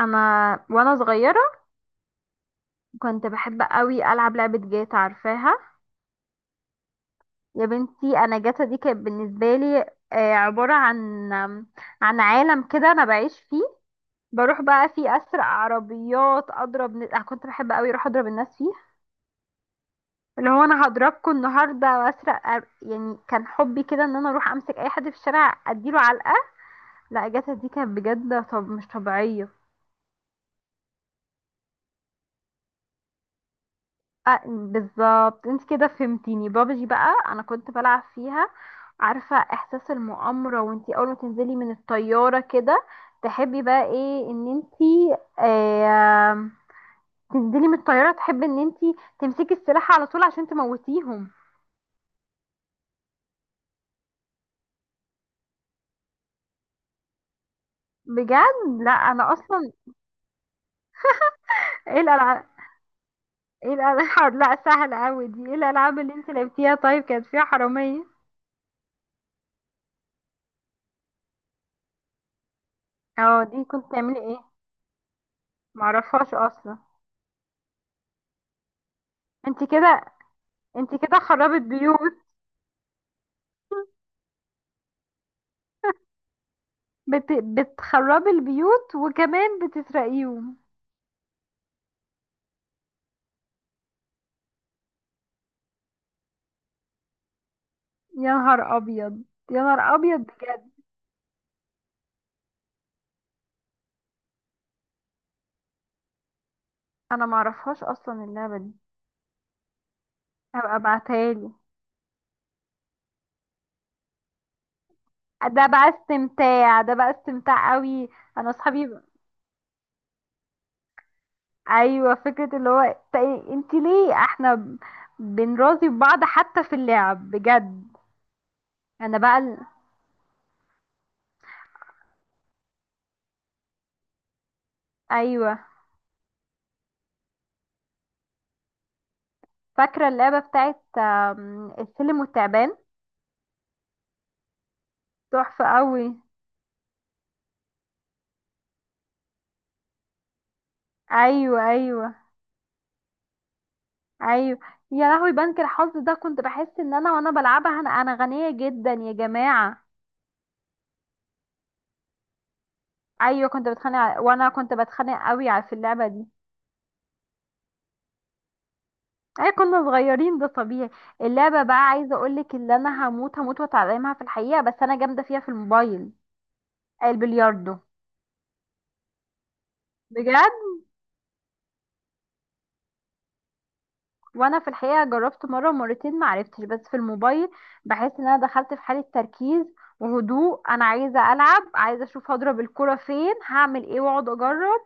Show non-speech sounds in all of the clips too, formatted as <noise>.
انا وانا صغيره كنت بحب قوي العب لعبه جاتا عارفاها. يا بنتي انا جاتا دي كانت بالنسبه لي، عباره عن عالم كده انا بعيش فيه. بروح بقى فيه اسرق عربيات، اضرب أنا كنت بحب قوي اروح اضرب الناس فيه. اللي هو انا هضربكم النهارده واسرق يعني كان حبي كده ان انا اروح امسك اي حد في الشارع اديله علقه. لا جاتا دي كانت بجد، طب مش طبيعيه. بالظبط انت كده فهمتيني، بابجي بقى انا كنت بلعب فيها. عارفة احساس المؤامرة وانتي اول ما تنزلي من الطيارة كده؟ تحبي بقى ايه ان انتي تنزلي من الطيارة، تحبي ان انتي تمسكي السلاح على طول عشان تموتيهم. بجد، لا انا اصلا. ايه الالعاب؟ لا سهل اوي، دي ايه الالعاب اللي انتي لعبتيها طيب كانت فيها حرامية؟ اه دي كنت تعملي ايه؟ معرفهاش اصلا. انتي كده، انتي كده خربت بيوت. بتخربي البيوت وكمان بتسرقيهم؟ يا نهار ابيض. يا نهار ابيض بجد. انا ما اعرفهاش اصلا اللعبه دي. هبقى ابعتها لي. ده بقى استمتاع، ده بقى استمتاع قوي. انا اصحابي ايوه، فكره اللي هو انت ليه احنا بنراضي بعض حتى في اللعب بجد. انا بقى ايوه. فاكره اللعبه بتاعت السلم والتعبان؟ تحفه قوي. ايوه ايوه ايوه. يا لهوي بنك الحظ ده كنت بحس ان انا وانا بلعبها انا غنيه جدا يا جماعه. ايوه كنت بتخانق وانا كنت بتخانق قوي في اللعبه دي. اي كنا صغيرين ده طبيعي. اللعبه بقى عايزه اقولك اللي انا هموت هموت واتعلمها في الحقيقه، بس انا جامده فيها في الموبايل. البلياردو. بجد. وانا في الحقيقه جربت مره ومرتين ما عرفتش، بس في الموبايل بحس ان انا دخلت في حاله تركيز وهدوء، انا عايزه العب، عايزه اشوف هضرب الكره فين، هعمل ايه، واقعد اجرب.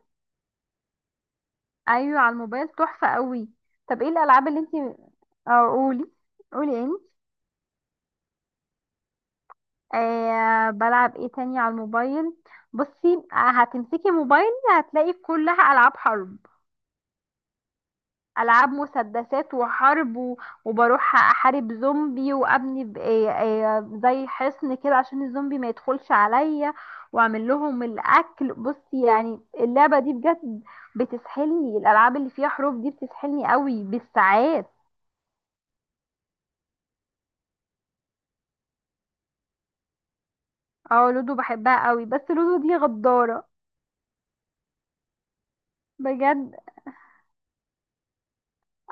ايوه على الموبايل تحفه قوي. طب ايه الالعاب اللي انتي. اه، قولي. قولي ايه؟ آه بلعب ايه تاني على الموبايل. بصي هتمسكي موبايلي هتلاقي كلها العاب حرب. العاب مسدسات وحرب وبروح احارب زومبي وابني زي حصن كده عشان الزومبي ما يدخلش عليا، واعمل لهم الاكل. بصي يعني اللعبة دي بجد بتسحلني، الالعاب اللي فيها حروب دي بتسحلني قوي بالساعات. اه لودو بحبها قوي، بس لودو دي غدارة. بجد.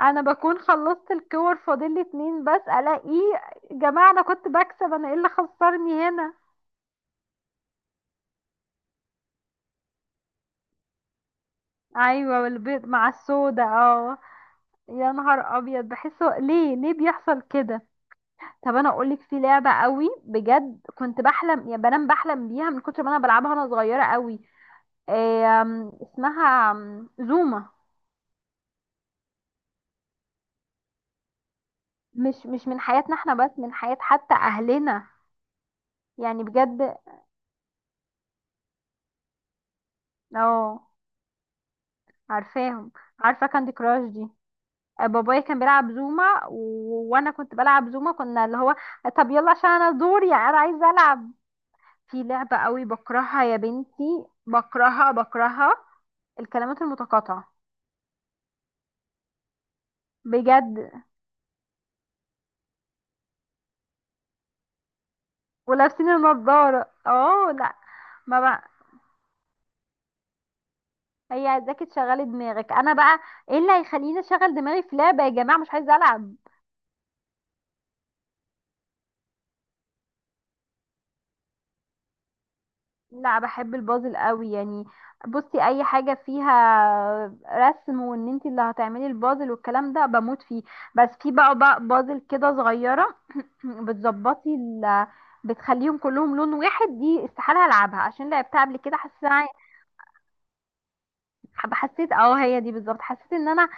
انا بكون خلصت الكور فاضل لي اتنين بس، الاقيه. جماعه انا كنت بكسب، انا ايه اللي خسرني هنا؟ ايوه والبيض مع السودا اه. يا نهار ابيض بحسه، ليه بيحصل كده؟ طب انا اقولك في لعبه قوي بجد كنت بحلم، يا بنام بحلم بيها من كتر ما انا بلعبها وانا صغيره قوي. اسمها زوما. مش من حياتنا احنا بس، من حياه حتى اهلنا. يعني بجد. اه عارفاهم. عارفه كاندي كراش دي. بابايا كان بيلعب زوما وانا كنت بلعب زوما، كنا اللي هو. طب يلا عشان انا دوري، يعني انا عايزه العب. في لعبه قوي بكرهها يا بنتي، بكرهها بكرهها. الكلمات المتقاطعه. بجد. ولابسين النضاره اه لا. ما بقى، هي عايزاكي تشغلي دماغك، انا بقى ايه اللي هيخليني اشغل دماغي في لعبه يا جماعه؟ مش عايزه العب. لا بحب البازل قوي يعني. بصي اي حاجه فيها رسم وان انت اللي هتعملي البازل والكلام ده بموت فيه. بس في بقى بازل كده صغيره، <clears throat> بتظبطي ال، بتخليهم كلهم لون واحد، دي استحاله العبها عشان لعبتها قبل كده حسيت إن أنا- حسيت، هي دي بالظبط، حسيت ان انا،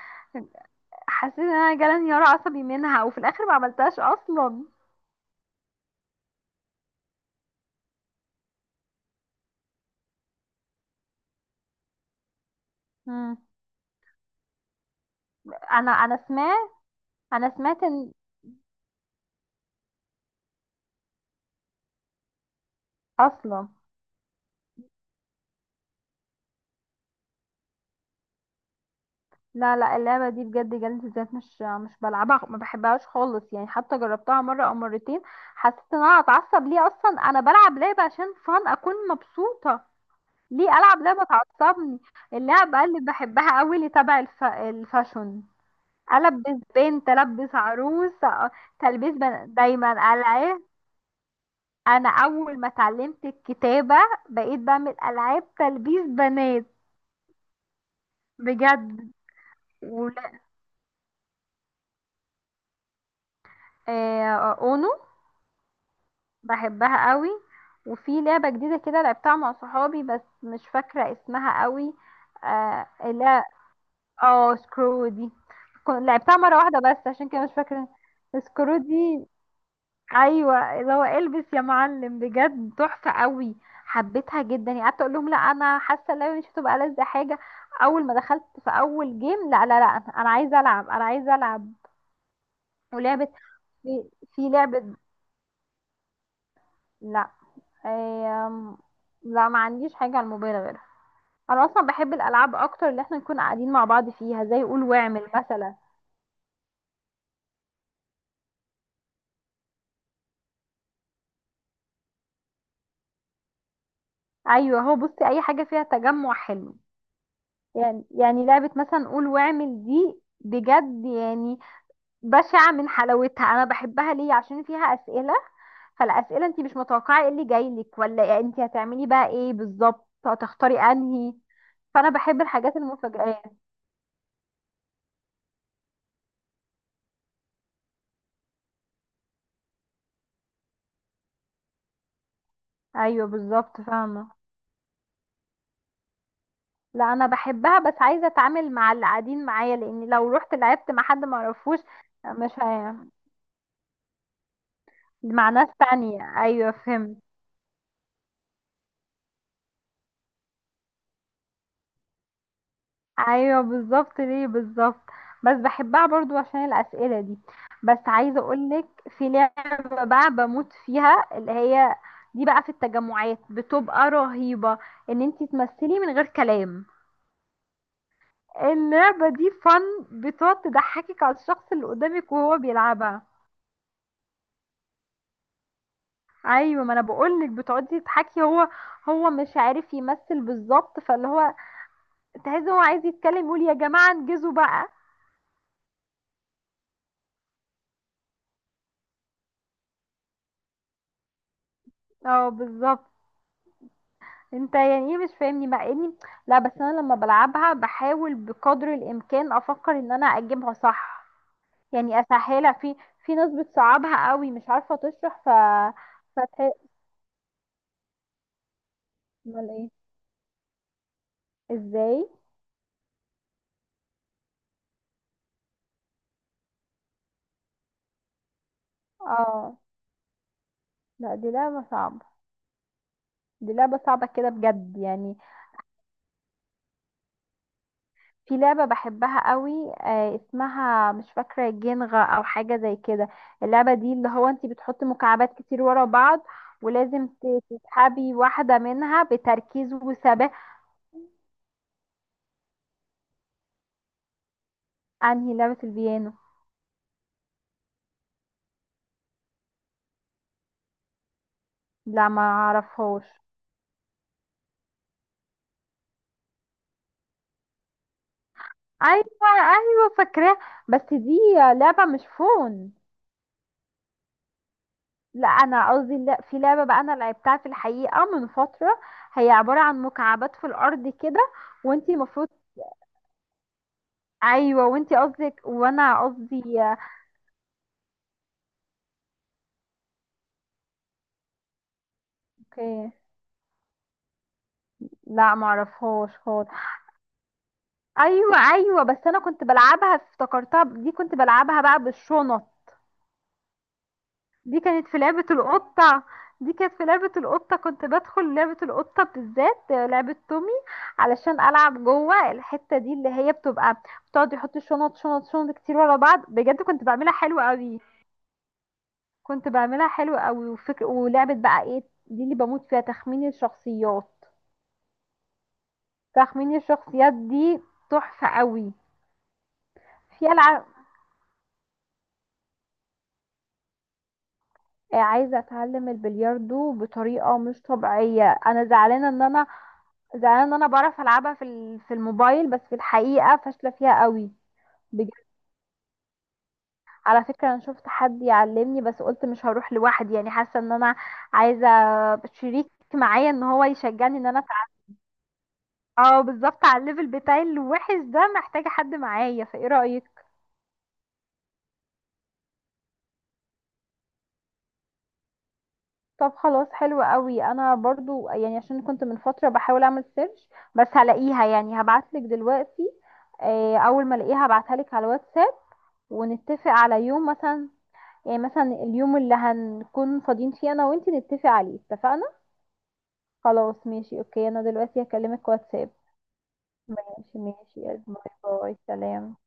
حسيت ان انا جالي انهيار عصبي منها وفي الاخر ما عملتهاش اصلا. مم. انا سمعت. انا سمعت ان، اصلا، لا لا اللعبة دي بجد جلد الذات، مش بلعبها، ما بحبهاش خالص يعني، حتى جربتها مرة او مرتين حسيت ان انا هتعصب. ليه اصلا انا بلعب لعبة عشان فان اكون مبسوطة؟ ليه العب لعبة تعصبني؟ اللعبة اللي بحبها قوي اللي تبع الفاشون. البس بنت، البس عروس تلبيس دايما العاب. انا اول ما اتعلمت الكتابة بقيت بعمل العاب تلبيس بنات. بجد. ولا. اونو. بحبها قوي. وفي لعبة جديدة كده لعبتها مع صحابي بس مش فاكرة اسمها قوي. آه لا. اه سكرو دي. لعبتها مرة واحدة بس عشان كده مش فاكرة. سكرو دي. ايوه اللي هو البس يا معلم، بجد تحفة قوي. حبيتها جدا، يعني قعدت اقول لهم لا انا حاسة اللعبة مش هتبقى ألذ حاجة، اول ما دخلت في اول جيم لا لا لا انا عايزة العب، انا عايزة العب. ولعبة. في لعبة. لا. آم، لا ما عنديش حاجة على الموبايل غيرها. انا اصلا بحب الالعاب اكتر اللي احنا نكون قاعدين مع بعض فيها، زي قول واعمل مثلا. ايوه هو بصي اي حاجه فيها تجمع حلو. يعني لعبه مثلا قول واعمل دي بجد يعني بشعه من حلاوتها. انا بحبها ليه؟ عشان فيها اسئله، فالاسئله انت مش متوقعه ايه اللي جاي لك، ولا انت هتعملي بقى ايه بالظبط، هتختاري انهي. فانا بحب الحاجات المفاجئات. ايوه بالظبط فاهمه. لا انا بحبها، بس عايزه اتعامل مع اللي قاعدين معايا، لان لو رحت لعبت مع حد ما اعرفوش. مش هي. مع ناس تانية، ايوه فهمت. ايوه بالظبط، ليه بالظبط. بس بحبها برضو عشان الاسئله دي. بس عايزه اقولك، في لعبه بقى بموت فيها، اللي هي دي بقى في التجمعات بتبقى رهيبه، ان انتي تمثلي من غير كلام. اللعبه دي فن. بتقعد تضحكك على الشخص اللي قدامك وهو بيلعبها. ايوه ما انا بقولك بتقعدي تضحكي. هو، هو مش عارف يمثل بالظبط، فاللي هو تحس هو عايز يتكلم يقول يا جماعه انجزوا بقى. اه بالظبط. انت يعني ايه مش فاهمني، مع اني، لا بس انا لما بلعبها بحاول بقدر الامكان افكر ان انا اجيبها صح، يعني اسهلها. في ناس بتصعبها قوي مش عارفه تشرح ف، فتح. امال ايه؟ ازاي؟ اه لا دي لعبه صعبه. دي لعبه صعبه كده بجد يعني. في لعبه بحبها قوي، اسمها مش فاكره جينغا او حاجه زي كده. اللعبه دي اللي هو انت بتحط مكعبات كتير ورا بعض، ولازم تسحبي واحدة منها بتركيز وثبات. انهي لعبة البيانو؟ لا ما اعرفهاش. ايوه ايوه فاكراها. بس دي لعبة مش فون؟ لا انا قصدي، لا في لعبة بقى انا لعبتها في الحقيقة من فترة، هي عبارة عن مكعبات في الارض كده وانتي المفروض. ايوه وانتي قصدك وانا قصدي. اوكي. لا ما اعرفهاش خالص. ايوه ايوه بس انا كنت بلعبها، افتكرتها دي كنت بلعبها بقى بالشنط. دي كانت في لعبة القطة. دي كانت في لعبة القطة، كنت بدخل لعبة القطة بالذات، لعبة تومي، علشان ألعب جوه الحتة دي اللي هي بتبقى، بتقعد يحط شنط شنط شنط كتير ورا بعض. بجد كنت بعملها حلوة قوي. كنت بعملها حلوة قوي. وفكر، ولعبة بقى ايه دي اللي بموت فيها؟ تخمين الشخصيات. تخمين الشخصيات دي تحفة قوي. في ألعاب، عايزة أتعلم البلياردو بطريقة مش طبيعية. أنا زعلانة إن أنا، زعلانة ان انا بعرف العبها في في الموبايل بس في الحقيقة فاشلة فيها قوي. بجد على فكرة انا شفت حد يعلمني، بس قلت مش هروح لوحدي، يعني حاسة ان انا عايزة شريك معايا، ان هو يشجعني ان انا أتع-. اه بالظبط على الليفل بتاعي الوحش ده، محتاجة حد معايا، فايه رأيك؟ طب خلاص، حلو قوي. انا برضو يعني عشان كنت من فترة بحاول اعمل سيرش، بس هلاقيها يعني، هبعتلك دلوقتي. اول ما الاقيها هبعتها لك على الواتساب، ونتفق على يوم مثلا، يعني مثلا اليوم اللي هنكون فاضيين فيه انا وانتي نتفق عليه. اتفقنا؟ خلاص ماشي، اوكي، انا دلوقتي هكلمك واتساب. ماشي ماشي. باي باي، سلام.